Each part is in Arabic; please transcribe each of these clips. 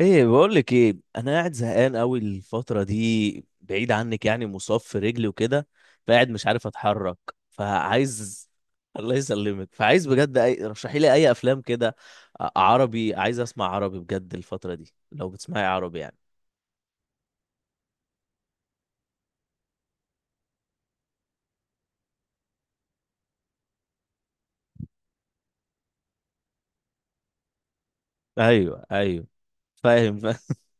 ايه بقول لك ايه، انا قاعد زهقان قوي الفتره دي، بعيد عنك، يعني مصاب في رجلي وكده. فقاعد مش عارف اتحرك. فعايز الله يسلمك. فعايز بجد اي، رشحي لي اي افلام كده. عربي، عايز اسمع عربي بجد الفتره دي لو بتسمعي عربي يعني. ايوه، ايوه، فاهم، فاهم.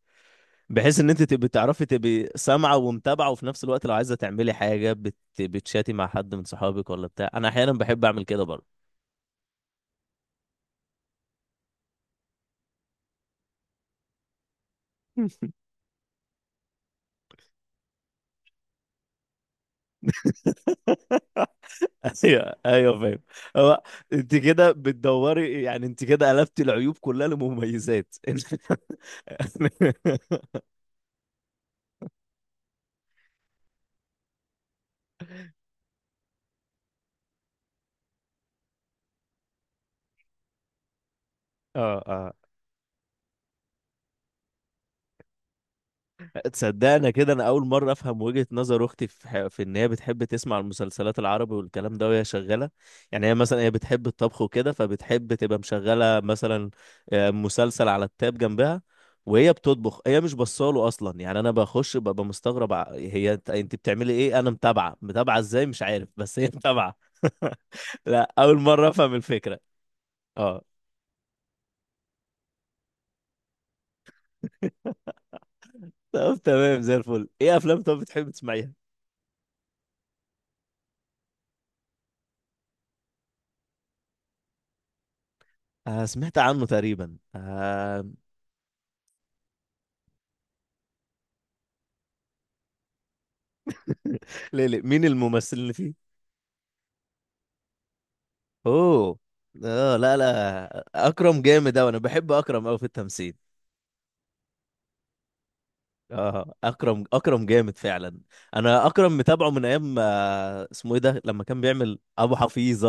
بحيث ان انت تبقي تعرفي، تبقي سامعه ومتابعه، وفي نفس الوقت لو عايزه تعملي حاجه بتشاتي مع حد من صحابك ولا بتاع. انا احيانا بحب اعمل كده برضه. ايوه، ايوه، فاهم. هو انت كده بتدوري، يعني انت كده قلبتي العيوب كلها لمميزات. اه، اه، تصدقنا كده، انا اول مره افهم وجهه نظر اختي في في ان هي بتحب تسمع المسلسلات العربي والكلام ده وهي شغاله. يعني هي مثلا هي بتحب الطبخ وكده، فبتحب تبقى مشغله مثلا آه، مسلسل على التاب جنبها وهي بتطبخ. هي مش بصاله اصلا، يعني انا بخش ببقى مستغرب، هي، انت بتعملي ايه؟ انا متابعه متابعه ازاي مش عارف، بس هي متابعه. لا، اول مره افهم الفكره. اه، طب تمام زي الفل. ايه افلام طب بتحب تسمعيها؟ آه، سمعت عنه تقريبا، آه. ليه؟ ليه؟ مين الممثل اللي فيه؟ اوه. اه، لا، لا، اكرم جامد اوي، انا بحب اكرم اوي في التمثيل. اه، اكرم، اكرم جامد فعلا. انا اكرم متابعه من ايام آه، اسمه ايه ده لما كان بيعمل ابو حفيظه.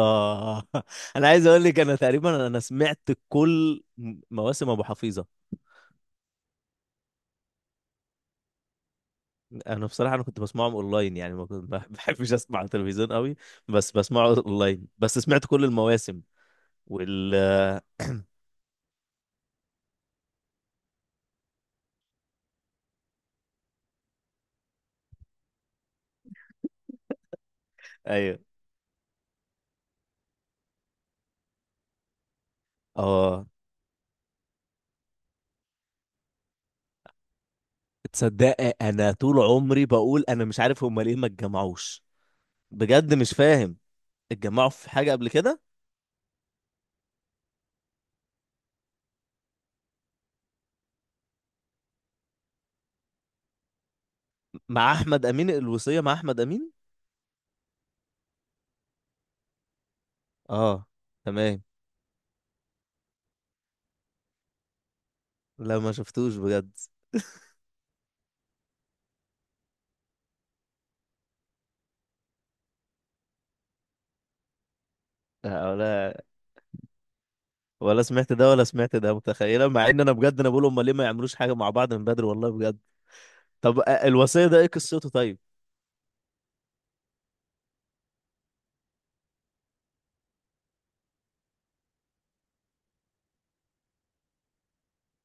انا عايز اقول لك، انا تقريبا انا سمعت كل مواسم ابو حفيظه. انا بصراحه انا كنت بسمعهم اونلاين، يعني ما بحبش اسمع على التلفزيون قوي، بس بسمعه اونلاين، بس سمعت كل المواسم. وال ايوه. اه، تصدق، انا طول عمري بقول انا مش عارف هما ليه ما اتجمعوش. بجد مش فاهم. اتجمعوا في حاجة قبل كده؟ مع احمد امين؟ الوصية مع احمد امين؟ اه، تمام. لا، ما شفتوش بجد. لا، ولا سمعت ده، ولا سمعت ده، متخيلة، مع ان انا بجد انا بقول هما ليه ما يعملوش حاجة مع بعض من بدري والله بجد. طب آه، الوصية ده ايه قصته؟ طيب.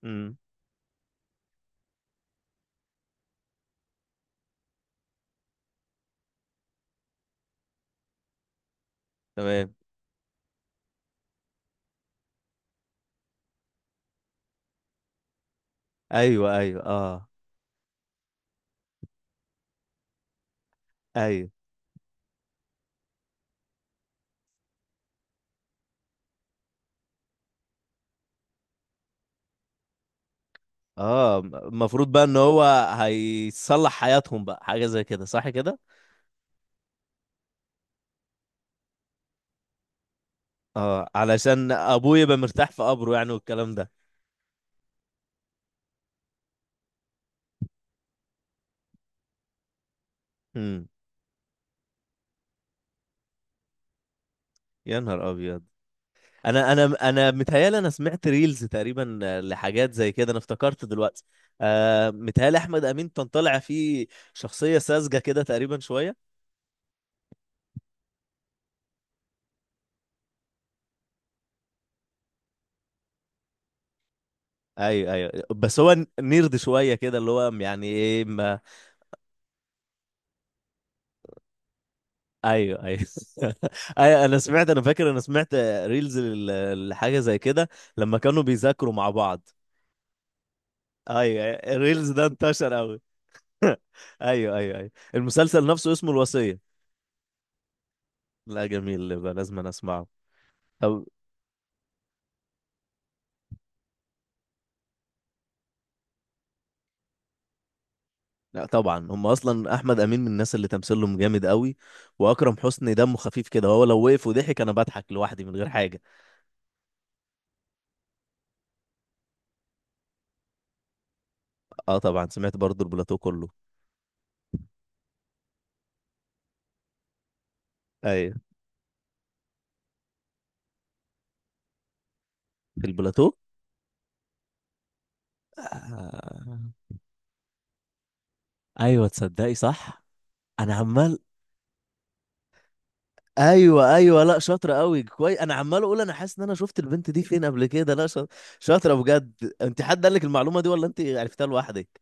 امم. تمام. ايوه، ايوه، اه. ايوه، اه، المفروض بقى ان هو هيصلح حياتهم بقى، حاجة زي كده، صح كده؟ اه، علشان ابويا يبقى مرتاح في قبره يعني، والكلام ده. امم. يا نهار ابيض. انا متهيالي انا سمعت ريلز تقريبا آه، لحاجات زي كده، انا افتكرت دلوقتي. آه، متهيالي احمد امين كان طالع فيه شخصيه ساذجه كده تقريبا شويه. ايوه، ايوه، بس هو نيرد شويه كده، اللي هو يعني ايه ما. ايوه، ايوه. ايوه، انا سمعت، انا فاكر انا سمعت ريلز لحاجه زي كده لما كانوا بيذاكروا مع بعض. ايوه، الريلز ده انتشر قوي. ايوه، ايوه، ايوه، المسلسل نفسه اسمه الوصية. لا جميل، يبقى لازم أنا اسمعه. طب. لا طبعا، هم اصلا احمد امين من الناس اللي تمثيلهم جامد قوي. واكرم حسني دمه خفيف كده، هو لو وقف وضحك انا بضحك لوحدي من غير حاجة. اه طبعا، سمعت برضو البلاتو كله. ايوه، في البلاتو. آه. ايوه، تصدقي، صح. انا عمال، ايوه، ايوه، لا شاطره قوي كويس، انا عمال اقول انا حاسس ان انا شفت البنت دي فين قبل كده، لا شاطره، شاطره بجد. انت حد قال لك المعلومه دي، ولا انت عرفتها لوحدك؟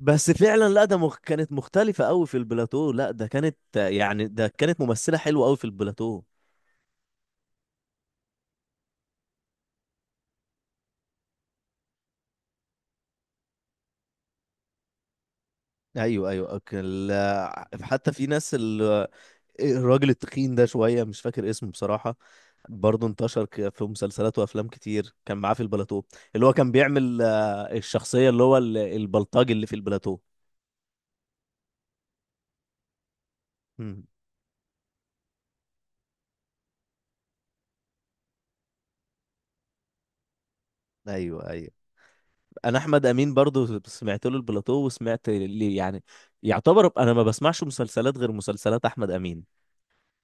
بس فعلا لا ده كانت مختلفة قوي في البلاتو، لا ده كانت يعني ده كانت ممثلة حلوة قوي في البلاتو. ايوه، ايوه، أوكي. حتى في ناس الراجل التخين ده شوية مش فاكر اسمه بصراحة، برضه انتشر في مسلسلات وافلام كتير، كان معاه في البلاتو، اللي هو كان بيعمل آه، الشخصية اللي هو البلطاج اللي في البلاتو. مم. ايوه، ايوه. انا احمد امين برضه سمعت له البلاتو وسمعت ليه، يعني يعتبر انا ما بسمعش مسلسلات غير مسلسلات احمد امين،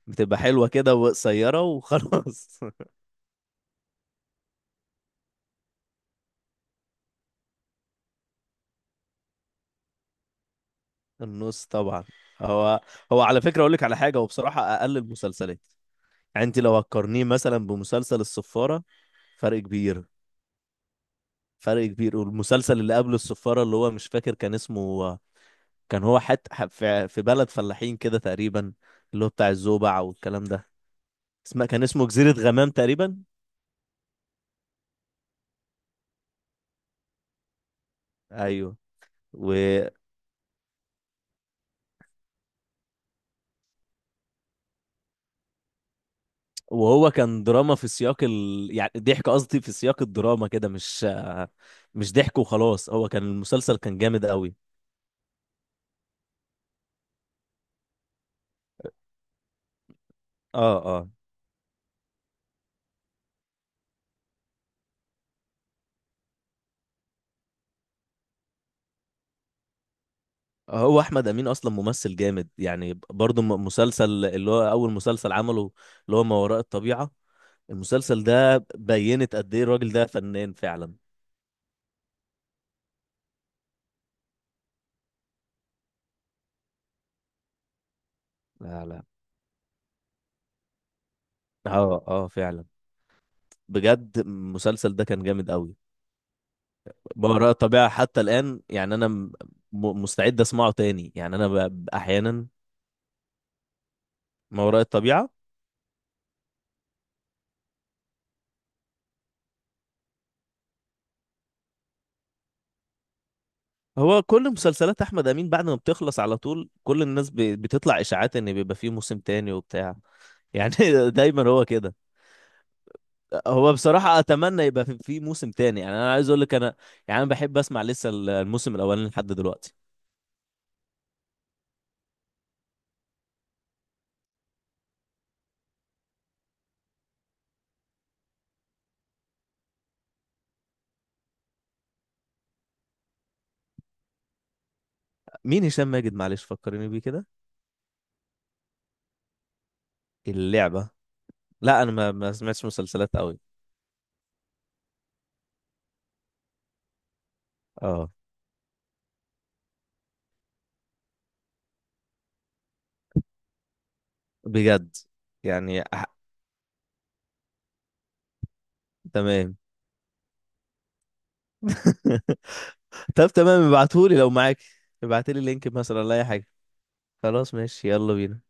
بتبقى حلوة كده وقصيرة وخلاص. النص طبعا. هو، هو على فكرة أقول لك على حاجة، هو بصراحة أقل المسلسلات، يعني أنت لو هتقارنيه مثلا بمسلسل الصفارة، فرق كبير، فرق كبير. والمسلسل اللي قبل الصفارة اللي هو مش فاكر كان اسمه، كان هو حتى في في بلد فلاحين كده تقريبا، اللي هو بتاع الزوبع والكلام ده، اسمه كان اسمه جزيرة غمام تقريبا. أيوه. و... وهو كان دراما في سياق يعني ضحك، قصدي في سياق الدراما كده، مش ضحك وخلاص، هو كان المسلسل كان جامد قوي. اه، اه، هو احمد امين اصلا ممثل جامد يعني، برضه مسلسل اللي هو اول مسلسل عمله اللي هو ما وراء الطبيعة، المسلسل ده بينت قد ايه الراجل ده فنان فعلا. لا، لا. اه، اه، فعلا. بجد المسلسل ده كان جامد قوي. ما وراء الطبيعة حتى الآن يعني، أنا مستعد أسمعه تاني يعني، أنا أحيانا. ما وراء الطبيعة. هو كل مسلسلات احمد امين بعد ما بتخلص على طول كل الناس بتطلع اشاعات ان بيبقى فيه موسم تاني وبتاع يعني. دايما هو كده. هو بصراحة اتمنى يبقى في في موسم تاني يعني، انا عايز اقول لك انا يعني انا بحب اسمع لسه الموسم الاولاني لحد دلوقتي. مين هشام ماجد؟ معلش فكرني بيه كده. اللعبة. لا، انا ما ما سمعتش مسلسلات قوي. اه، بجد، يعني تمام. طب تمام ابعتهولي لو معاك. ابعتلي لينك مثلا ولا اي حاجة. خلاص، ماشي، يلا بينا.